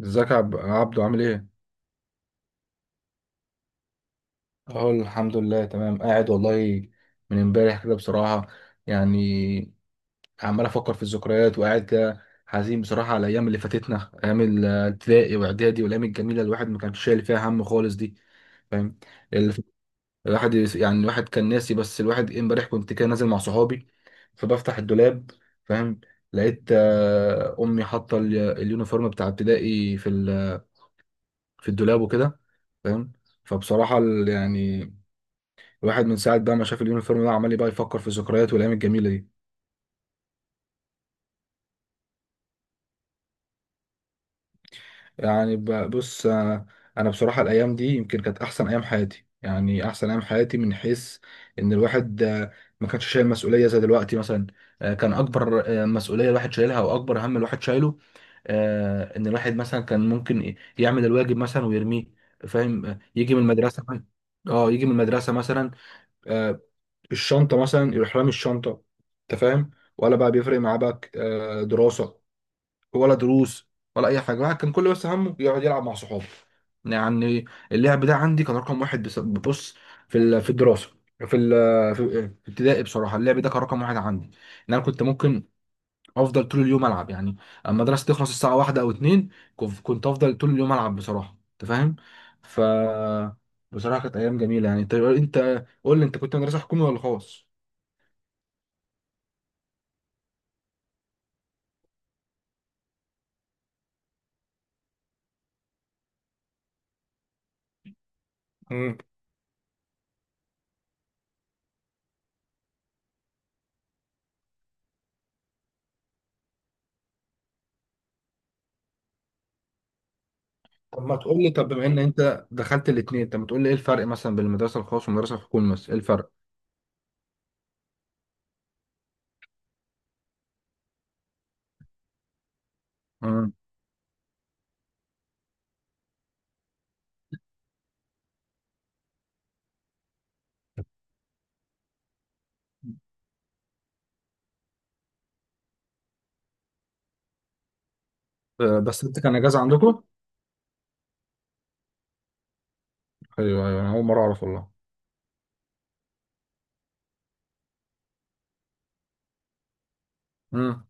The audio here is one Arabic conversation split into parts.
ازيك يا عبدو عامل ايه؟ اهو الحمد لله تمام، قاعد والله من امبارح كده بصراحة، يعني عمال افكر في الذكريات وقاعد كده حزين بصراحة على الايام اللي فاتتنا، ايام الابتدائي واعدادي والايام الجميلة اللي الواحد ما كانش شايل فيها هم خالص دي. فاهم؟ اللي ف- يعني الواحد كان ناسي، بس الواحد امبارح كنت كده نازل مع صحابي، فبفتح الدولاب. فاهم؟ لقيت، امي حاطة اليونيفورم بتاع ابتدائي في في الدولاب وكده. فاهم؟ فبصراحة، يعني الواحد من ساعة بقى ما شاف اليونيفورم ده عمال بقى يفكر في الذكريات والأيام الجميلة دي. يعني بص، أنا بصراحة الأيام دي يمكن كانت أحسن أيام حياتي. يعني أحسن أيام حياتي من حيث إن الواحد ما كانش شايل مسؤولية زي دلوقتي مثلا. كان أكبر مسؤولية الواحد شايلها أو أكبر هم الواحد شايله، إن الواحد مثلا كان ممكن يعمل الواجب مثلا ويرميه. فاهم؟ يجي من المدرسة. اه يجي من المدرسة مثلا، آه، الشنطة مثلا يروح رامي الشنطة. أنت فاهم؟ ولا بقى بيفرق معاه بقى دراسة ولا دروس ولا اي حاجه. الواحد كان كل بس همه يقعد يلعب مع صحابه، يعني اللعب ده عندي كان رقم واحد. بص، في في الدراسه، في ال في ابتدائي بصراحه اللعب ده كان رقم واحد عندي. ان انا كنت ممكن افضل طول اليوم العب يعني، اما المدرسه تخلص الساعه 1 او 2. كنت افضل طول اليوم العب بصراحه. انت فاهم؟ ف بصراحه كانت ايام جميله يعني. انت قول لي، انت كنت مدرسه حكومي ولا خاص؟ طب ما تقول لي، طب بما ان انت دخلت الاثنين طب ما تقول لي ايه الفرق مثلا بين المدرسه الخاص والمدرسه الحكومي، مثلا ايه الفرق؟ امم. بس انت كان اجازه عندكم؟ ايوه ايوه، انا اول مره اعرف والله. امم.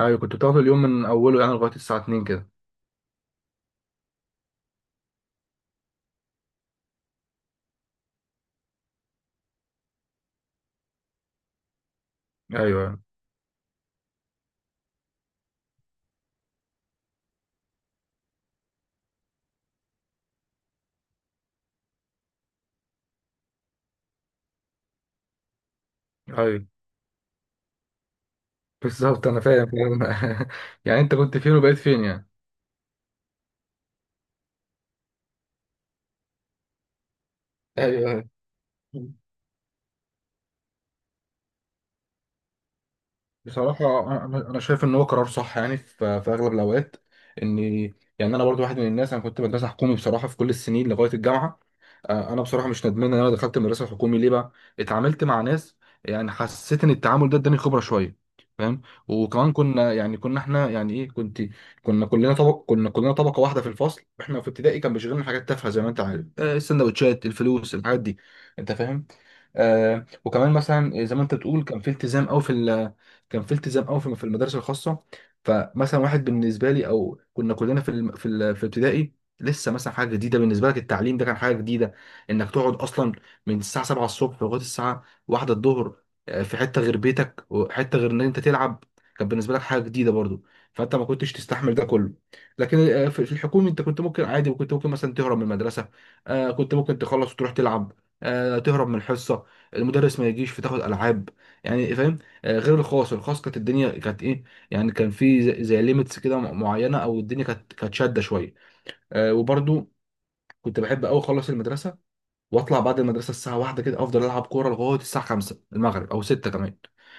ايوه كنت بتاخد اليوم من اوله يعني لغايه الساعه 2 كده. ايوه ايوه بالظبط، انا فاهم فاهم. يعني انت كنت فين وبقيت فين يعني. ايوه ايوه، بصراحة أنا شايف إن هو قرار صح يعني في في أغلب الأوقات. إن يعني أنا برضو واحد من الناس، أنا كنت مدرسة حكومي بصراحة في كل السنين لغاية الجامعة. انا بصراحه مش ندمان ان انا دخلت المدرسه الحكومي. ليه بقى؟ اتعاملت مع ناس، يعني حسيت ان التعامل ده اداني خبره شويه. فاهم؟ وكمان كنا يعني كنا احنا يعني ايه كنت، كنا كلنا طبقه واحده في الفصل. احنا في ابتدائي كان بيشغلنا حاجات تافهه زي ما انت عارف، السندوتشات، الفلوس، الحاجات دي. انت فاهم؟ آه وكمان مثلا زي ما انت بتقول، كان في التزام قوي في كان في التزام قوي في في المدارس الخاصه. فمثلا واحد بالنسبه لي او كنا كلنا في في في ابتدائي لسه مثلا حاجه جديده. بالنسبه لك التعليم ده كان حاجه جديده، انك تقعد اصلا من الساعه 7 الصبح لغايه الساعه 1 الظهر، في حته غير بيتك وحته غير ان انت تلعب. كان بالنسبه لك حاجه جديده برضو، فانت ما كنتش تستحمل ده كله. لكن في في الحكومي انت كنت ممكن عادي، وكنت ممكن مثلا تهرب من المدرسه. كنت ممكن تخلص وتروح تلعب. تهرب من الحصه، المدرس ما يجيش فتاخد العاب، يعني فاهم. غير الخاص. الخاص كانت الدنيا كانت ايه يعني، كان في زي, زي ليميتس كده معينه، او الدنيا كانت شاده شويه. وبرضو كنت بحب قوي اخلص المدرسه، واطلع بعد المدرسه الساعه 1 كده افضل العب كوره لغايه الساعه 5 المغرب او 6 كمان.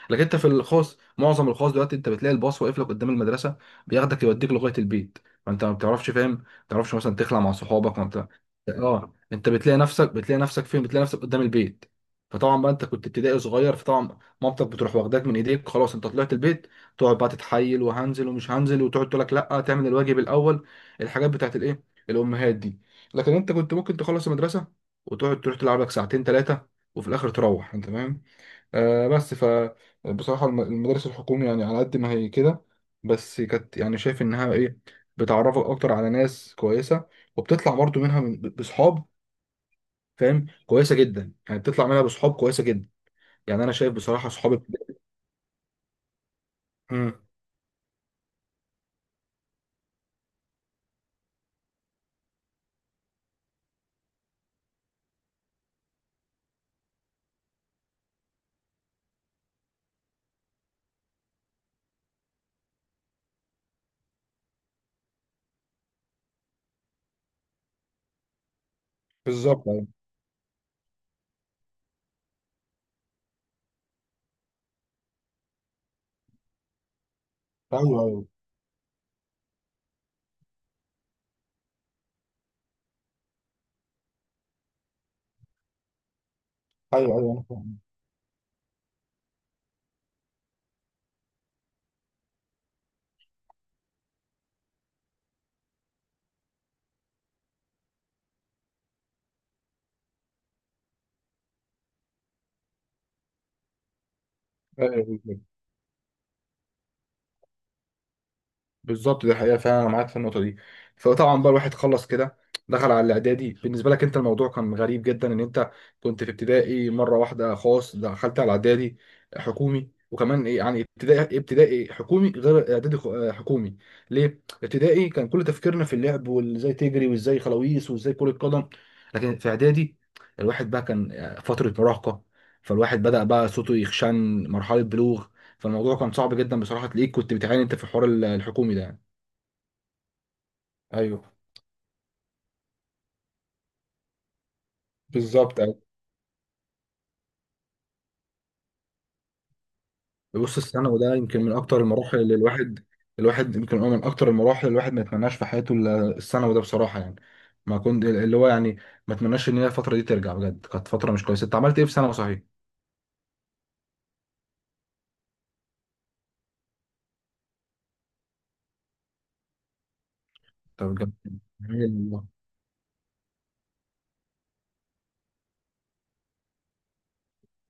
لكن انت في الخاص، معظم الخاص دلوقتي انت بتلاقي الباص واقف لك قدام المدرسه، بياخدك يوديك لغايه البيت. فانت ما بتعرفش، فاهم، ما بتعرفش مثلا تخلع مع صحابك ما بتاع. اه انت بتلاقي نفسك، بتلاقي نفسك فين؟ بتلاقي نفسك قدام البيت. فطبعا بقى انت كنت ابتدائي صغير، فطبعا مامتك بتروح واخداك من ايديك، خلاص انت طلعت البيت. تقعد بقى تتحايل وهنزل ومش هنزل، وتقعد تقول لك لا تعمل الواجب الاول. الحاجات بتاعت الايه، الامهات دي. لكن انت كنت ممكن تخلص المدرسه وتقعد تروح تلعب لك ساعتين ثلاثة، وفي الآخر تروح. أنت فاهم؟ بس فبصراحة المدارس الحكومي يعني على قد ما هي كده، بس كانت يعني شايف إنها إيه، بتعرفك أكتر على ناس كويسة، وبتطلع برضو منها من بصحاب، فاهم، كويسة جدا. يعني بتطلع منها بصحاب كويسة جدا، يعني أنا شايف بصراحة صحابي. مم. بالظبط أيوه أيوه أيوه أيوه أيوه، أنا فاهم. أيوه بالظبط، دي حقيقة فعلا، أنا معاك في النقطة دي. فطبعا بقى الواحد خلص كده، دخل على الإعدادي. بالنسبة لك أنت الموضوع كان غريب جدا إن أنت كنت في ابتدائي مرة واحدة خاص، دخلت على إعدادي حكومي. وكمان إيه يعني، ابتدائي حكومي غير إعدادي حكومي. ليه؟ ابتدائي كان كل تفكيرنا في اللعب، وإزاي تجري وإزاي خلاويص وإزاي كرة قدم. لكن في إعدادي الواحد بقى كان فترة مراهقة، فالواحد بدأ بقى صوته يخشن، مرحلة بلوغ. فالموضوع كان صعب جدا بصراحه، تلاقيك كنت بتعاني انت في الحوار الحكومي ده يعني. ايوه بالظبط ايوه. بص الثانوي ده يمكن من اكتر المراحل اللي الواحد، الواحد يمكن هو من اكتر المراحل اللي الواحد ما يتمناش في حياته الا الثانوي ده بصراحه، يعني ما كنت اللي هو يعني ما اتمناش ان هي الفتره دي ترجع. بجد كانت فتره مش كويسه. انت عملت ايه في ثانوي صحيح؟ طب جميل والله.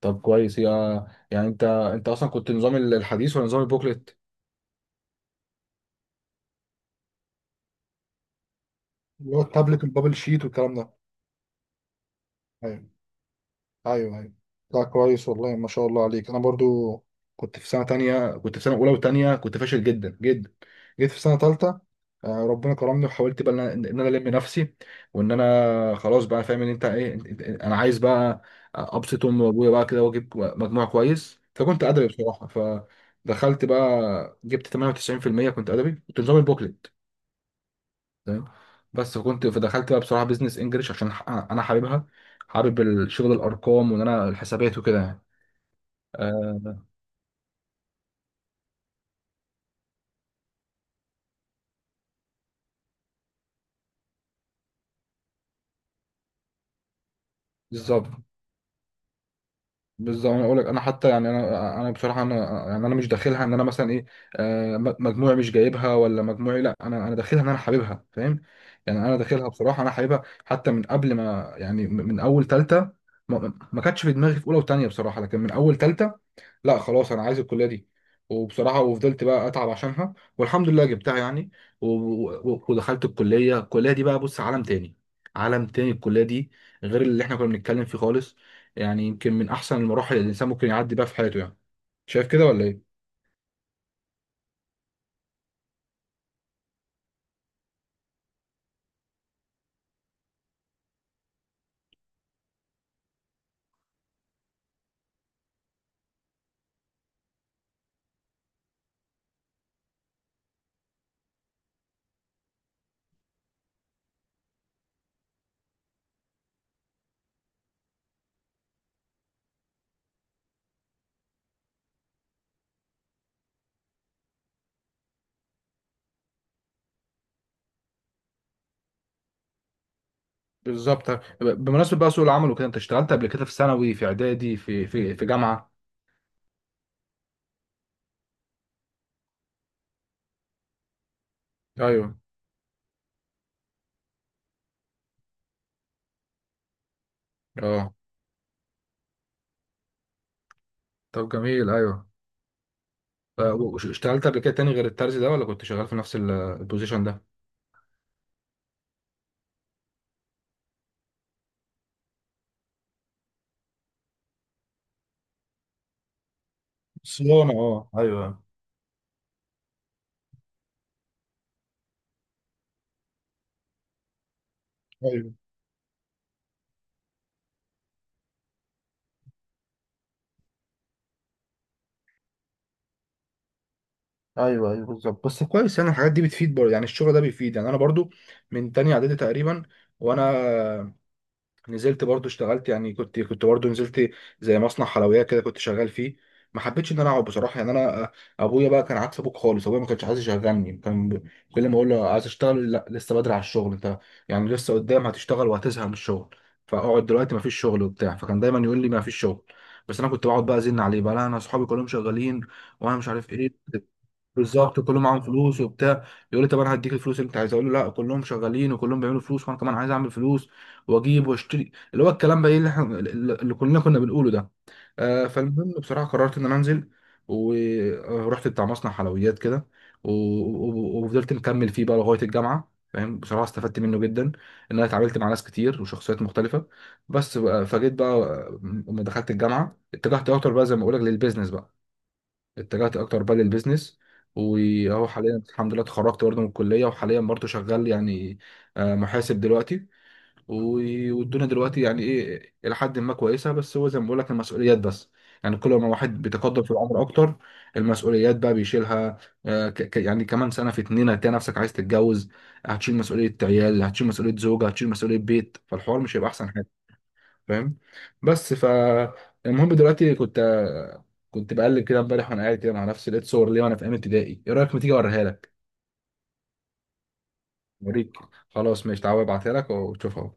طب كويس، يا يعني انت اصلا كنت نظام الحديث ولا نظام البوكلت؟ اللي هو التابلت والبابل شيت والكلام ده. ايوه ايوه ايوه. لا كويس والله ما شاء الله عليك. انا برضو كنت في سنه تانية، كنت في سنه اولى وتانية كنت فاشل جدا جدا. جيت في سنه تالتة. ربنا كرمني وحاولت بقى ان انا إن أنا الم نفسي، وان انا خلاص بقى فاهم ان انت ايه، انا عايز بقى ابسط امي وابويا بقى كده واجيب مجموع كويس. فكنت ادبي بصراحه، فدخلت بقى جبت 98%. كنت ادبي كنت نظام البوكلت. تمام. بس فكنت فدخلت بقى بصراحه بيزنس انجلش عشان انا حاببها. حابب الشغل، الارقام، وان انا الحسابات وكده يعني. آه بالظبط. بالظبط انا اقول لك، انا حتى يعني انا بصراحه انا، يعني انا مش داخلها ان انا مثلا ايه، مجموعي مش جايبها ولا مجموعي، لا انا داخلها ان انا حاببها. فاهم؟ يعني انا داخلها بصراحه انا حاببها حتى من قبل ما يعني، من من اول ثالثه. ما كانتش في دماغي في اولى وثانيه بصراحه، لكن من اول ثالثه لا خلاص انا عايز الكليه دي. وبصراحه وفضلت بقى اتعب عشانها والحمد لله جبتها يعني. و- ودخلت الكليه. الكليه دي بقى بص عالم تاني، عالم تاني الكليه دي، غير اللي احنا كنا بنتكلم فيه خالص. يعني يمكن من احسن المراحل اللي الانسان ممكن يعدي بيها في حياته يعني. شايف كده ولا ايه؟ بالظبط. بمناسبه بقى سوق العمل وكده، انت اشتغلت قبل كده في ثانوي، في اعدادي، في في جامعه؟ ايوه اه. طب جميل ايوه. اشتغلت قبل كده تاني غير الترزي ده ولا كنت شغال في نفس البوزيشن ده؟ صيانة اه ايوه. ايوه ايوه ايوه بالظبط. بس كويس يعني، الحاجات دي بتفيد برضه يعني، الشغل ده بيفيد. يعني انا برضه من تاني اعدادي تقريبا، وانا نزلت برضه اشتغلت يعني، كنت برضه نزلت زي مصنع حلويات كده كنت شغال فيه. ما حبيتش ان انا اقعد بصراحه، يعني انا، ابويا بقى كان عكس ابوك خالص، ابويا ما كانش عايز يشغلني. كان كل ما اقول له عايز اشتغل، لا لسه بدري على الشغل انت، يعني لسه قدام هتشتغل وهتزهق من الشغل، فاقعد دلوقتي ما فيش شغل وبتاع. فكان دايما يقول لي ما فيش شغل. بس انا كنت بقعد بقى ازن عليه بقى، لا انا اصحابي كلهم شغالين، وانا مش عارف ايه. بالظبط كلهم معاهم فلوس وبتاع. يقول لي طب انا هديك الفلوس اللي انت عايز. اقول له لا، كلهم شغالين وكلهم بيعملوا فلوس وانا كمان عايز اعمل فلوس، واجيب واشتري، اللي هو الكلام بقى ايه اللي احنا اللي كلنا كنا بنقوله ده. آه فالمهم بصراحه قررت ان انا انزل، ورحت بتاع مصنع حلويات كده، وفضلت مكمل فيه بقى لغايه الجامعه. فاهم؟ بصراحه استفدت منه جدا، ان انا اتعاملت مع ناس كتير وشخصيات مختلفه. بس بقى فجيت بقى لما دخلت الجامعه اتجهت اكتر بقى زي ما بقول لك للبيزنس بقى، اتجهت اكتر بقى للبيزنس. واهو حاليا الحمد لله اتخرجت برضه من الكليه، وحاليا برضه شغال يعني، محاسب دلوقتي. والدنيا دلوقتي يعني ايه، الى حد ما كويسه، بس هو زي ما بقول لك المسؤوليات بس. يعني كل ما الواحد بيتقدم في العمر اكتر، المسؤوليات بقى بيشيلها. يعني كمان سنه في اتنين هتلاقي نفسك عايز تتجوز، هتشيل مسؤوليه عيال، هتشيل مسؤوليه زوجه، هتشيل مسؤوليه بيت. فالحوار مش هيبقى احسن. فاهم؟ بس المهم دلوقتي، كنت بقلب كده امبارح وانا قاعد كده مع نفسي، لقيت صور ليا وانا في ايام ابتدائي. ايه رايك ما تيجي اوريها لك؟ اوريك، خلاص ماشي تعالى، ابعتها لك وتشوفها.